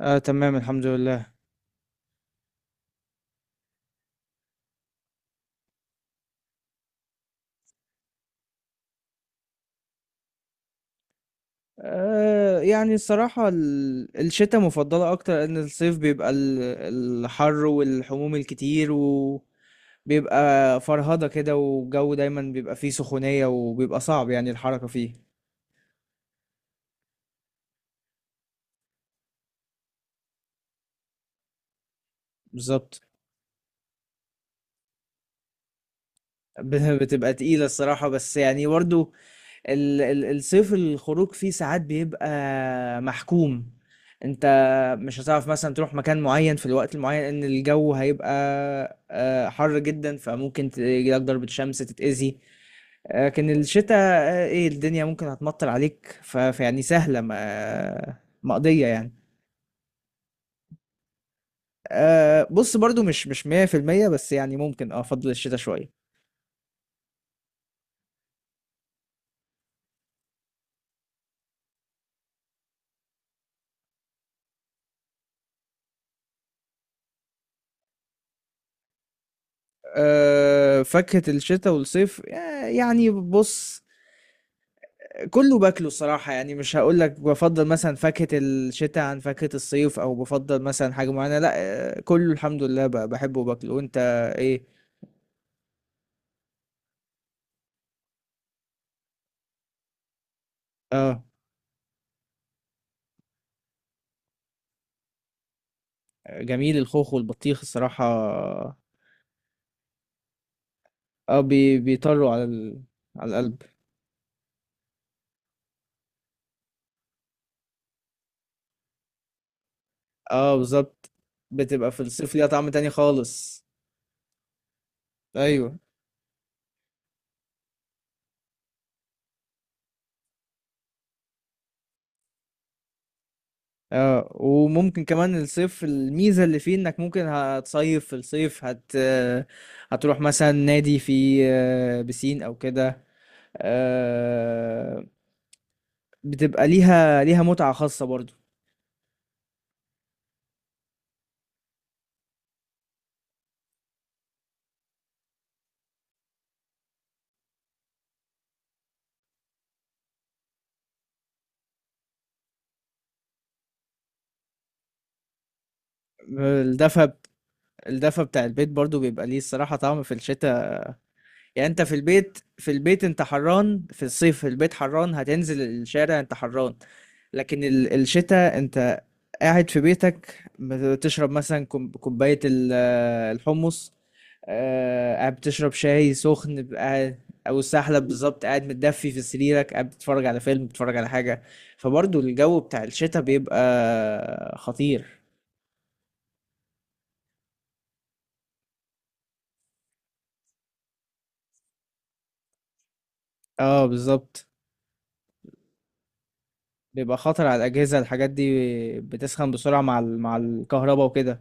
آه، تمام، الحمد لله. يعني الصراحة، الشتاء مفضلة أكتر، لأن الصيف بيبقى الحر والحموم الكتير، وبيبقى فرهضة كده، والجو دايما بيبقى فيه سخونية، وبيبقى صعب يعني الحركة فيه. بالظبط. بتبقى تقيلة الصراحة، بس يعني برضو الصيف الخروج فيه ساعات بيبقى محكوم. انت مش هتعرف مثلا تروح مكان معين في الوقت المعين، ان الجو هيبقى حر جدا، فممكن تجيلك ضربة شمس تتأذي. لكن الشتاء، ايه، الدنيا ممكن هتمطر عليك، فيعني سهلة، مقضية يعني. بص، برضو مش 100%، بس يعني ممكن افضل الشتاء شوية. فاكهة الشتاء والصيف، يعني بص، كله باكله الصراحة، يعني مش هقول لك بفضل مثلا فاكهة الشتاء عن فاكهة الصيف، او بفضل مثلا حاجة معينة، لا. كله الحمد لله بحبه وباكله. وانت؟ ايه؟ اه، جميل، الخوخ والبطيخ الصراحة. اه، بيطروا على القلب. اه، بالظبط، بتبقى في الصيف ليها طعم تاني خالص. ايوه. اه، وممكن كمان الصيف الميزة اللي فيه، انك ممكن هتصيف في الصيف، هت آه، هتروح مثلا نادي فيه بسين او كده. آه، بتبقى ليها متعة خاصة برضو. الدفى الدفى بتاع البيت برضو بيبقى ليه الصراحة طعم في الشتاء. يعني انت في البيت، في البيت انت حران، في الصيف في البيت حران، هتنزل الشارع انت حران. لكن الشتاء، انت قاعد في بيتك، بتشرب مثلا كوباية الحمص. قاعد بتشرب شاي سخن، قاعد. او السحلب، بالظبط، قاعد متدفي في سريرك، قاعد بتتفرج على فيلم، بتتفرج على حاجة. فبرضو الجو بتاع الشتاء بيبقى خطير. اه، بالظبط، بيبقى خطر على الأجهزة، الحاجات دي بتسخن بسرعة مع الكهرباء وكده.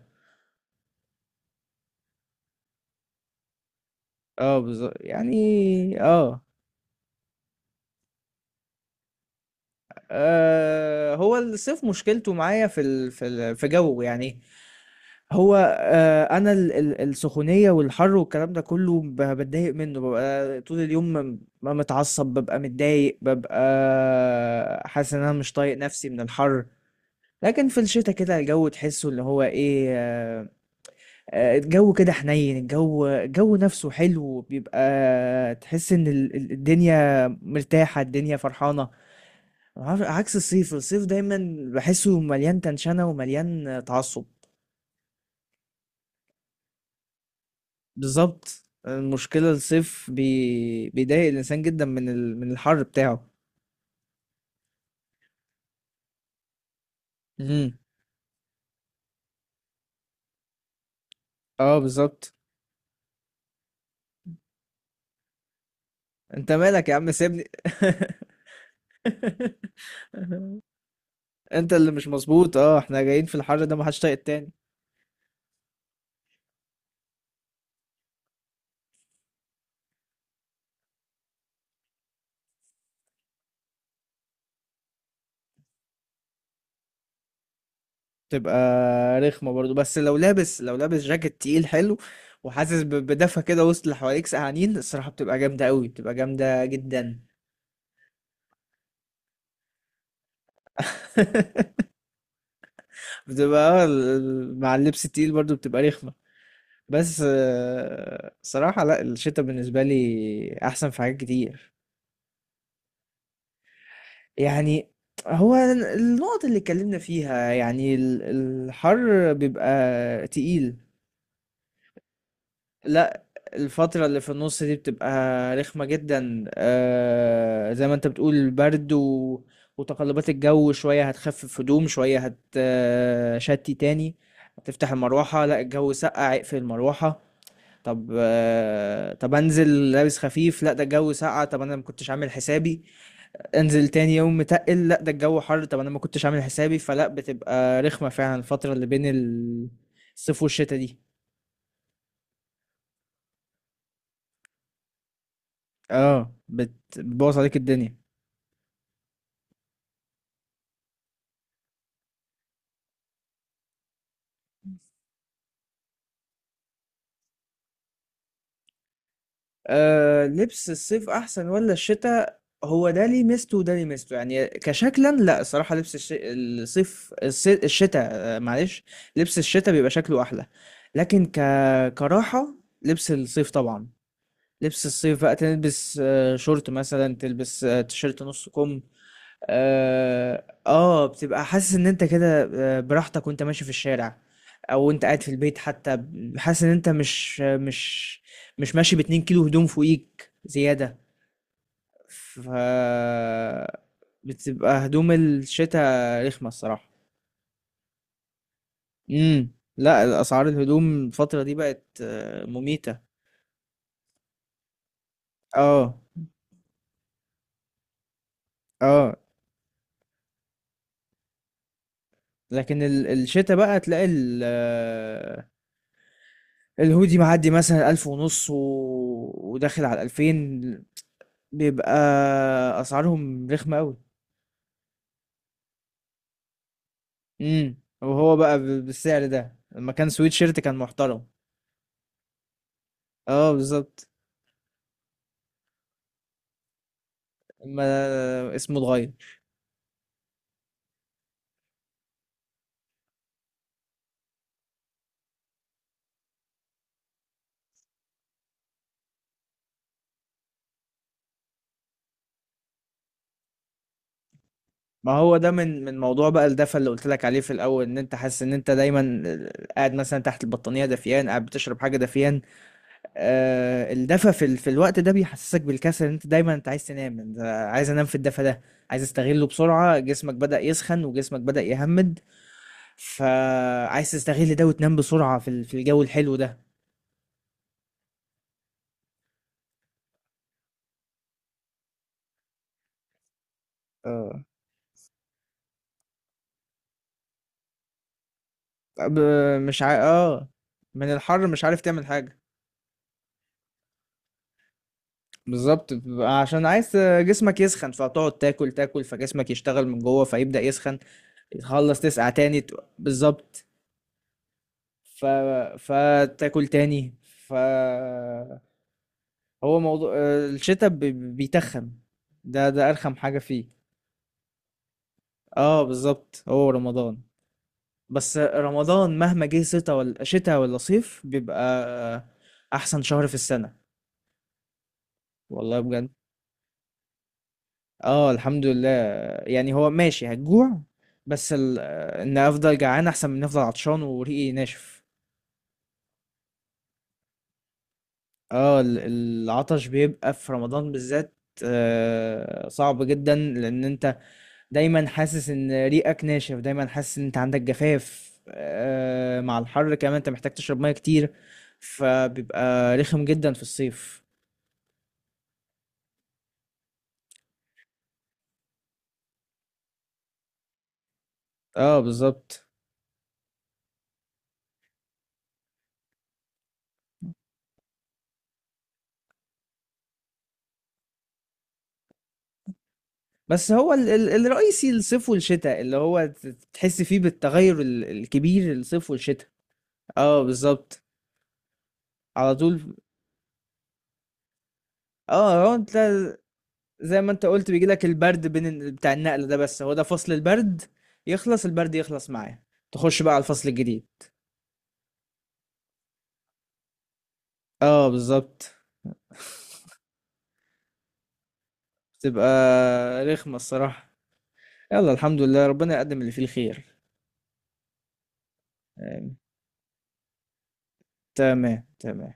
اه، بالظبط يعني. اه، هو الصيف مشكلته معايا في جو يعني. هو انا السخونيه والحر والكلام ده كله بتضايق منه، ببقى طول اليوم متعصب، ببقى متضايق، ببقى حاسس ان انا مش طايق نفسي من الحر. لكن في الشتاء كده الجو تحسه اللي هو ايه، الجو كده حنين، الجو نفسه حلو، بيبقى تحس ان الدنيا مرتاحه، الدنيا فرحانه. عكس الصيف، الصيف دايما بحسه مليان تنشنه، ومليان تعصب. بالظبط، المشكلة الصيف بيضايق الإنسان جدا من الحر بتاعه. امم. اه، بالظبط، انت مالك يا عم، سيبني. انت اللي مش مظبوط، احنا جايين في الحر ده محدش طايق التاني. تبقى رخمة برضو، بس لو لابس جاكيت تقيل حلو، وحاسس بدفى كده وسط اللي حواليك سقعانين، الصراحة بتبقى جامدة قوي، بتبقى جامدة جدا. بتبقى، اه، مع اللبس التقيل برضو بتبقى رخمة. بس صراحة لا، الشتاء بالنسبة لي أحسن في حاجات كتير. يعني هو النقط اللي اتكلمنا فيها يعني، الحر بيبقى تقيل. لا، الفترة اللي في النص دي بتبقى رخمة جدا، زي ما انت بتقول، البرد و... وتقلبات الجو شوية، هتخفف هدوم شوية، هتشتي تاني، هتفتح المروحة، لا الجو سقع اقفل المروحة. طب انزل لابس خفيف، لا ده الجو ساقع، طب انا ما كنتش عامل حسابي. انزل تاني يوم متقل، لا ده الجو حر، طب انا ما كنتش عامل حسابي. فلا، بتبقى رخمة فعلا الفترة اللي بين الصيف والشتاء دي. اه، بتبوظ عليك الدنيا. لبس الصيف احسن ولا الشتاء؟ هو ده ليه ميزته وده ليه ميزته، يعني كشكلا لا، الصراحة لبس الصيف، الشتاء، معلش، لبس الشتاء بيبقى شكله احلى. لكن كراحة، لبس الصيف طبعا. لبس الصيف بقى تلبس شورت مثلا، تلبس تيشيرت نص كم. بتبقى حاسس ان انت كده براحتك، وانت ماشي في الشارع، او انت قاعد في البيت حتى، حاسس ان انت مش ماشي باتنين كيلو هدوم فوقيك زيادة. ف بتبقى هدوم الشتاء رخمة الصراحة. امم. لا، اسعار الهدوم الفترة دي بقت مميتة. اه. اه، لكن الشتا بقى تلاقي الهودي معدي مثلا ألف ونص و... وداخل على الألفين، بيبقى أسعارهم رخمة أوي. امم. وهو بقى بالسعر ده، لما كان سويت شيرت كان محترم. اه بالظبط، ما اسمه اتغير. ما هو ده من موضوع بقى الدفى اللي قلت لك عليه في الأول، إن أنت حاسس إن أنت دايما قاعد مثلا تحت البطانية دافيان، قاعد بتشرب حاجة دافيان. الدفى في الوقت ده بيحسسك بالكسل، إن انت دايما انت عايز تنام، انت عايز انام في الدفى ده، عايز استغله بسرعة، جسمك بدأ يسخن، وجسمك بدأ يهمد، فعايز تستغل ده وتنام بسرعة في الجو الحلو ده. آه، ب- مش عا... اه من الحر مش عارف تعمل حاجة. بالظبط، بيبقى عشان عايز جسمك يسخن، فتقعد تاكل تاكل، فجسمك يشتغل من جوه، فيبدأ يسخن، تخلص تسقع تاني، بالظبط. ف... فتاكل تاني. هو موضوع الشتاء بيتخن، ده ارخم حاجة فيه. اه بالظبط، هو رمضان. بس رمضان مهما جه شتاء ولا شتاء ولا صيف، بيبقى احسن شهر في السنة. والله بجد، اه الحمد لله. يعني هو ماشي هتجوع، بس ان افضل جعان احسن من افضل عطشان وريقي ناشف. اه، العطش بيبقى في رمضان بالذات صعب جدا، لان انت دايما حاسس ان ريقك ناشف، دايما حاسس ان انت عندك جفاف، مع الحر كمان انت محتاج تشرب ميه كتير، فبيبقى رخم جدا في الصيف. اه بالظبط. بس هو ال ال الرئيسي الصيف والشتاء، اللي هو تحس فيه بالتغير الكبير، الصيف والشتاء. اه بالظبط، على طول. اه، هو انت زي ما انت قلت، بيجيلك البرد بين بتاع النقل ده، بس هو ده فصل البرد، يخلص البرد يخلص معاه، تخش بقى على الفصل الجديد. اه بالظبط، بتبقى رخمة الصراحة. يلا الحمد لله، ربنا يقدم اللي فيه الخير. آمين. تمام، تمام.